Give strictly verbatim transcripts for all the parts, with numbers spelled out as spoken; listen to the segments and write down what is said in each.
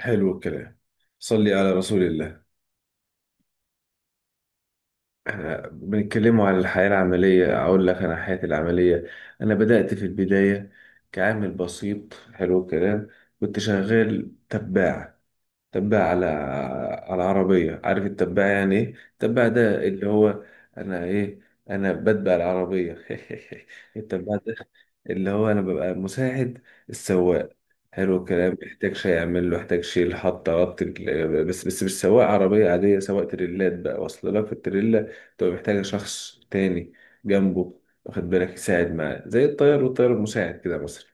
حلو الكلام. صلي على رسول الله. احنا بنتكلموا عن الحياة العملية. اقول لك انا حياتي العملية انا بدأت في البداية كعامل بسيط. حلو الكلام. كنت شغال تباع، تباع على على عربية. عارف التباع يعني ايه؟ التباع ده اللي هو انا ايه انا بتبع العربية. التباع ده اللي هو انا ببقى مساعد السواق. حلو الكلام. يحتاج شيء يعمل له، يحتاج شيء يحط ربط. بس بس مش سواق عربية عادية، سواق تريلات. بقى واصل لك في التريلا تبقى محتاجة شخص تاني جنبه، واخد بالك، يساعد معاه زي الطيار والطيار المساعد كده مثلا.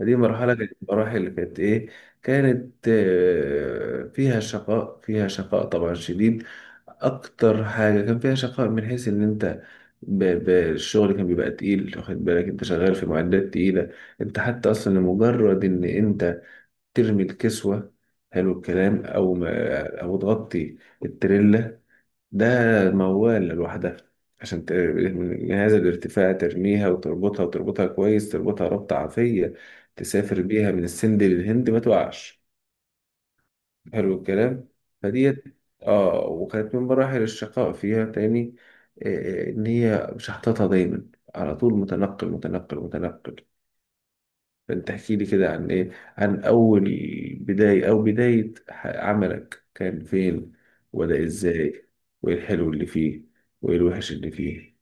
دي مرحلة كانت من المراحل اللي كانت إيه، كانت آه، فيها شقاء، فيها شقاء طبعا شديد. أكتر حاجة كان فيها شقاء من حيث إن أنت ب- ب- الشغل كان بيبقى تقيل، واخد بالك، أنت شغال في معدات تقيلة. أنت حتى أصلا لمجرد إن أنت ترمي الكسوة، حلو الكلام، أو ما أو تغطي التريلا ده موال لوحدها، عشان ت- من جهاز الارتفاع ترميها وتربطها، وتربطها كويس، تربطها ربطة عافية، تسافر بيها من السند للهند ما توقعش. حلو الكلام. فديت. اه، وكانت من مراحل الشقاء فيها تاني آه، آه، ان هي مش حاططها دايما، على طول متنقل متنقل متنقل. فانت احكي لي كده عن ايه، عن اول بداية او بداية ح- عملك كان فين، وبدأ ازاي، وايه الحلو اللي فيه، وايه الوحش اللي فيه.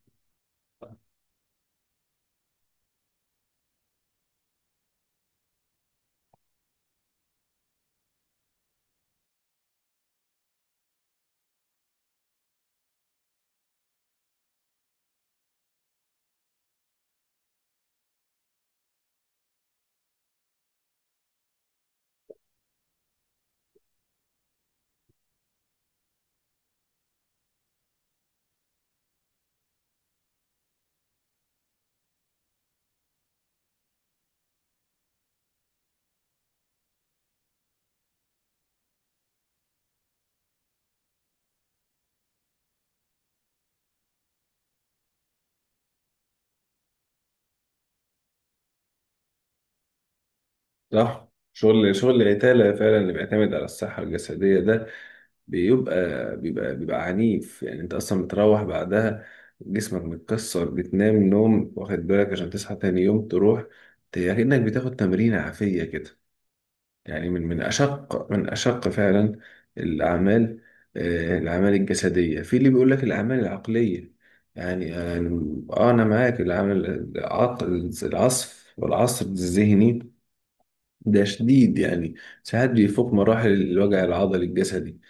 صح. شغل شغل العتالة فعلا اللي بيعتمد على الصحة الجسدية ده بيبقى بيبقى بيبقى عنيف. يعني انت اصلا بتروح بعدها جسمك متكسر، بتنام نوم، واخد بالك، عشان تصحى تاني يوم تروح. ت- يعني كأنك بتاخد تمرين عافية كده. يعني من من أشق من أشق فعلا الأعمال آه، الأعمال الجسدية. في اللي بيقول لك الأعمال العقلية، يعني يعني- آه أنا معاك. العمل العقل، العصف والعصر الذهني ده شديد يعني، ساعات بيفوق مراحل الوجع العضلي الجسدي.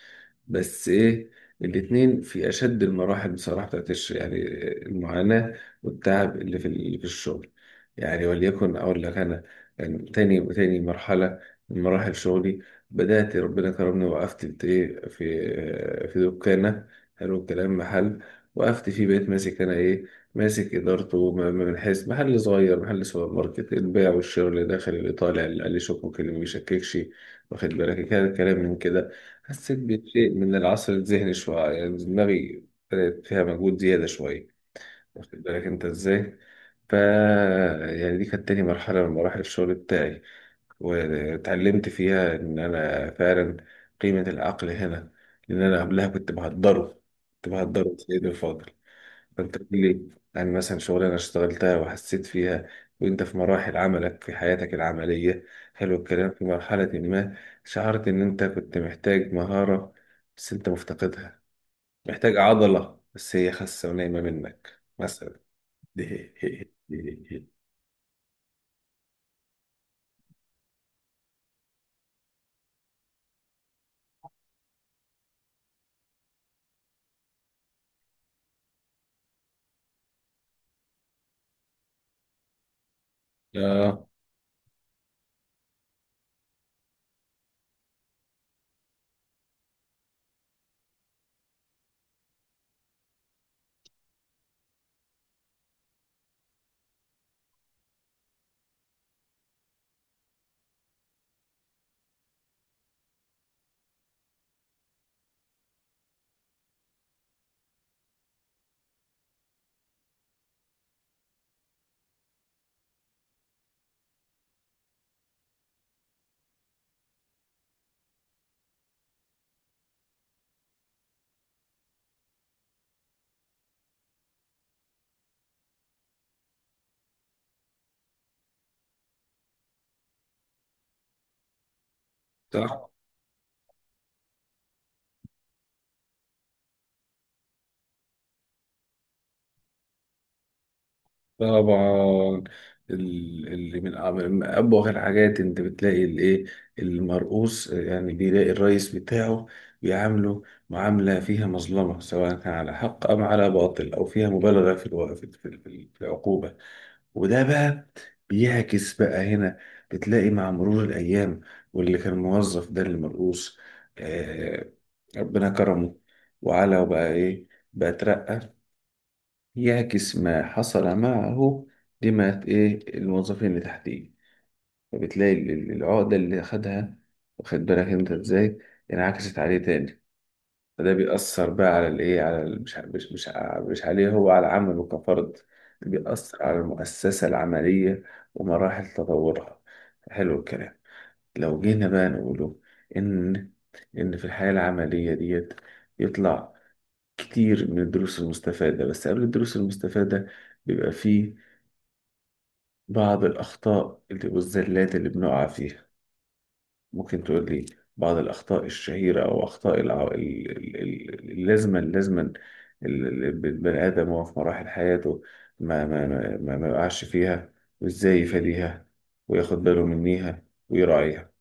بس ايه، الاتنين في اشد المراحل بصراحه بتاعت الش- يعني المعاناه والتعب اللي في اللي في الشغل. يعني وليكن اقول لك انا، يعني تاني تاني مرحله من مراحل شغلي. بدات ربنا كرمني، وقفت في ايه، في في دكانه، حلو الكلام، محل. وقفت فيه بقيت ماسك انا ايه، ماسك ادارته. م- م- من حيث محل صغير، محل سوبر ماركت، البيع والشراء، اللي داخل، اللي طالع، اللي عليه شك ممكن، اللي ما بيشككش، واخد بالك كده، كلام من كده. حسيت بشيء من العصر الذهني شوية، يعني دماغي بدأت فيها مجهود زيادة شوية، واخد بالك أنت إزاي؟ ف يعني دي كانت تاني مرحلة من مراحل الشغل بتاعي، واتعلمت فيها إن أنا فعلا قيمة العقل هنا، لأن أنا قبلها كنت بهدره. كنت بهدره سيدي الفاضل. انت قول لي، يعني مثلا شغلانه اشتغلتها وحسيت فيها، وانت في مراحل عملك، في حياتك العمليه، حلو الكلام، في مرحله ما، شعرت ان انت كنت محتاج مهاره بس انت مفتقدها، محتاج عضله بس هي خاسه ونايمه منك مثلا. اه، صح، طبعا. ال- اللي من من ابوغ الحاجات، انت بتلاقي الايه، المرؤوس يعني بيلاقي الرئيس بتاعه بيعامله معامله فيها مظلمه، سواء كان على حق ام على باطل، او فيها مبالغه في الوقت في في- في- في العقوبه. وده بقى بيعكس بقى هنا، بتلاقي مع مرور الايام واللي كان موظف ده المرؤوس، آه، ربنا كرمه، وعلى وبقى ايه، بقى اترقى، يعكس ما حصل معه لما إيه الموظفين اللي تحتيه. فبتلاقي ال- ال- العقدة اللي أخدها، واخد بالك أنت إزاي، انعكست عليه تاني. فده بيأثر بقى على الإيه، على ال- مش مش مش ع- مش عليه هو على عمله كفرد، بيأثر على المؤسسة العملية ومراحل تطورها. حلو الكلام. لو جينا بقى نقوله إن إن في الحياة العملية ديت يطلع كتير من الدروس المستفادة. بس قبل الدروس المستفادة بيبقى فيه بعض الأخطاء اللي والزلات اللي بنقع فيها. ممكن تقول لي بعض الأخطاء الشهيرة أو أخطاء الع- ال- ال- ال- اللازمة اللازمة اللي البني آدم وهو في مراحل حياته ما ما ما ما ما يقعش فيها، وإزاي يفاديها وياخد باله منيها ويراعيها.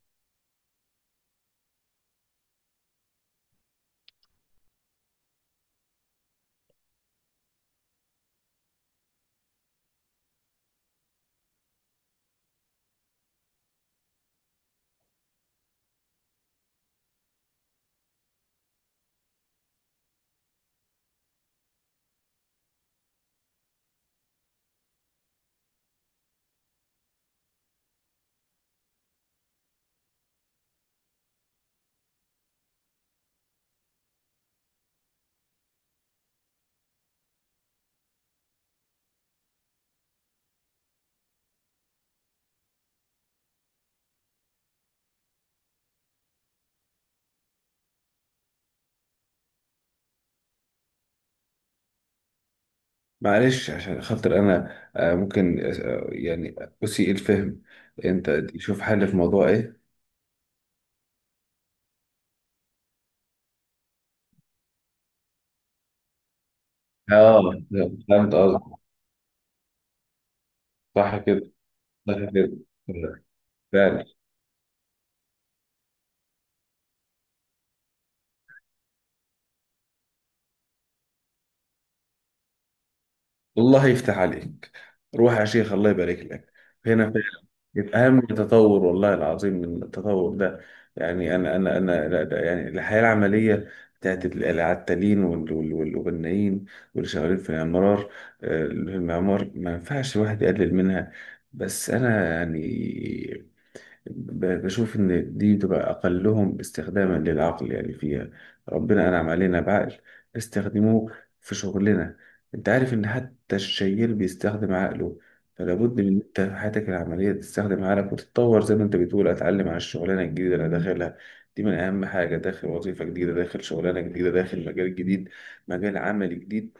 معلش، عشان خاطر أنا آه، ممكن آه، يعني أسيء الفهم، أنت شوف حل في موضوع إيه؟ اه، فهمت قصدك. صح كده صح كده فعلا. الله يفتح عليك، روح يا شيخ، الله يبارك لك. هنا فعلا يبقى اهم تطور والله العظيم. من التطور ده يعني انا انا انا لا، ده يعني الحياه العمليه بتاعت العتالين وال- وال- وال- والبنايين واللي شغالين في العمار، آه، المعمار، ما ينفعش الواحد يقلل منها. بس انا يعني ب- بشوف إن دي بتبقى أقلهم استخداما للعقل. يعني فيها ربنا أنعم علينا بعقل، استخدموه في شغلنا. أنت عارف إن حتى الشيال بيستخدم عقله. فلا بد من إن أنت في حياتك العملية تستخدم عقلك وتتطور. زي ما أنت بتقول، أتعلم على الشغلانة الجديدة اللي أنا داخلها. دي من أهم حاجة، داخل وظيفة جديدة، داخل شغلانة جديدة، داخل مجال جديد، مجال عمل جديد،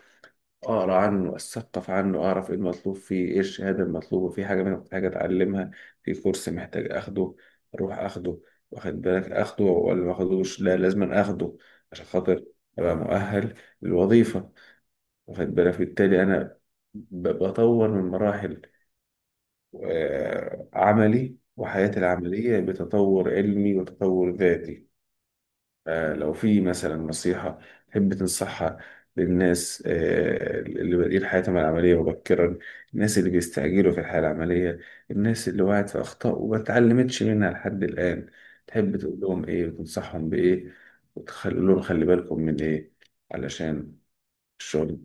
اقرا عنه، اثقف عنه، اعرف ايه المطلوب فيه، ايه الشهاده المطلوبه، في حاجه انا محتاج اتعلمها، في كورس محتاج اخده، اروح اخده، واخد بالك، اخده ولا ما اخدوش، لا لازم أنا اخده عشان خاطر ابقى مؤهل للوظيفه، واخد بالك. بالتالي انا ب- بطور من مراحل آه، عملي وحياتي العمليه، بتطور علمي وتطور ذاتي. آه، لو في مثلا نصيحة تحب تنصحها للناس، آه، اللي بادئين حياتهم العملية مبكرا، الناس اللي بيستعجلوا في الحياة العملية، الناس اللي وقعت في أخطاء وما اتعلمتش منها لحد الآن، تحب تقول لهم إيه وتنصحهم بإيه، وتقول لهم خلي بالكم من إيه علشان الشغل؟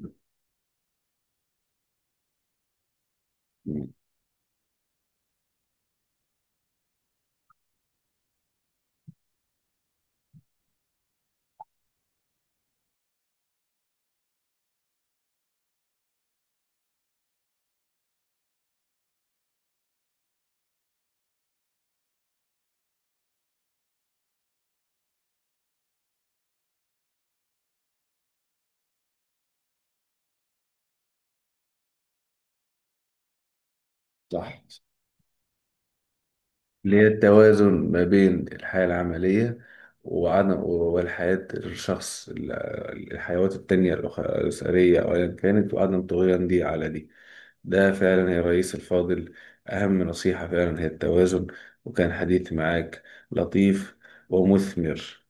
صح، اللي هي التوازن ما بين الحياة العملية وعدم، والحياة الشخص ال- الحيوات التانية، الأخ- الأسرية أو أيا كانت، وعدم طغيان دي على دي. ده فعلا يا رئيس الفاضل أهم نصيحة، فعلا هي التوازن. وكان حديث معاك لطيف ومثمر.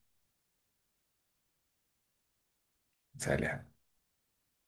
سالي.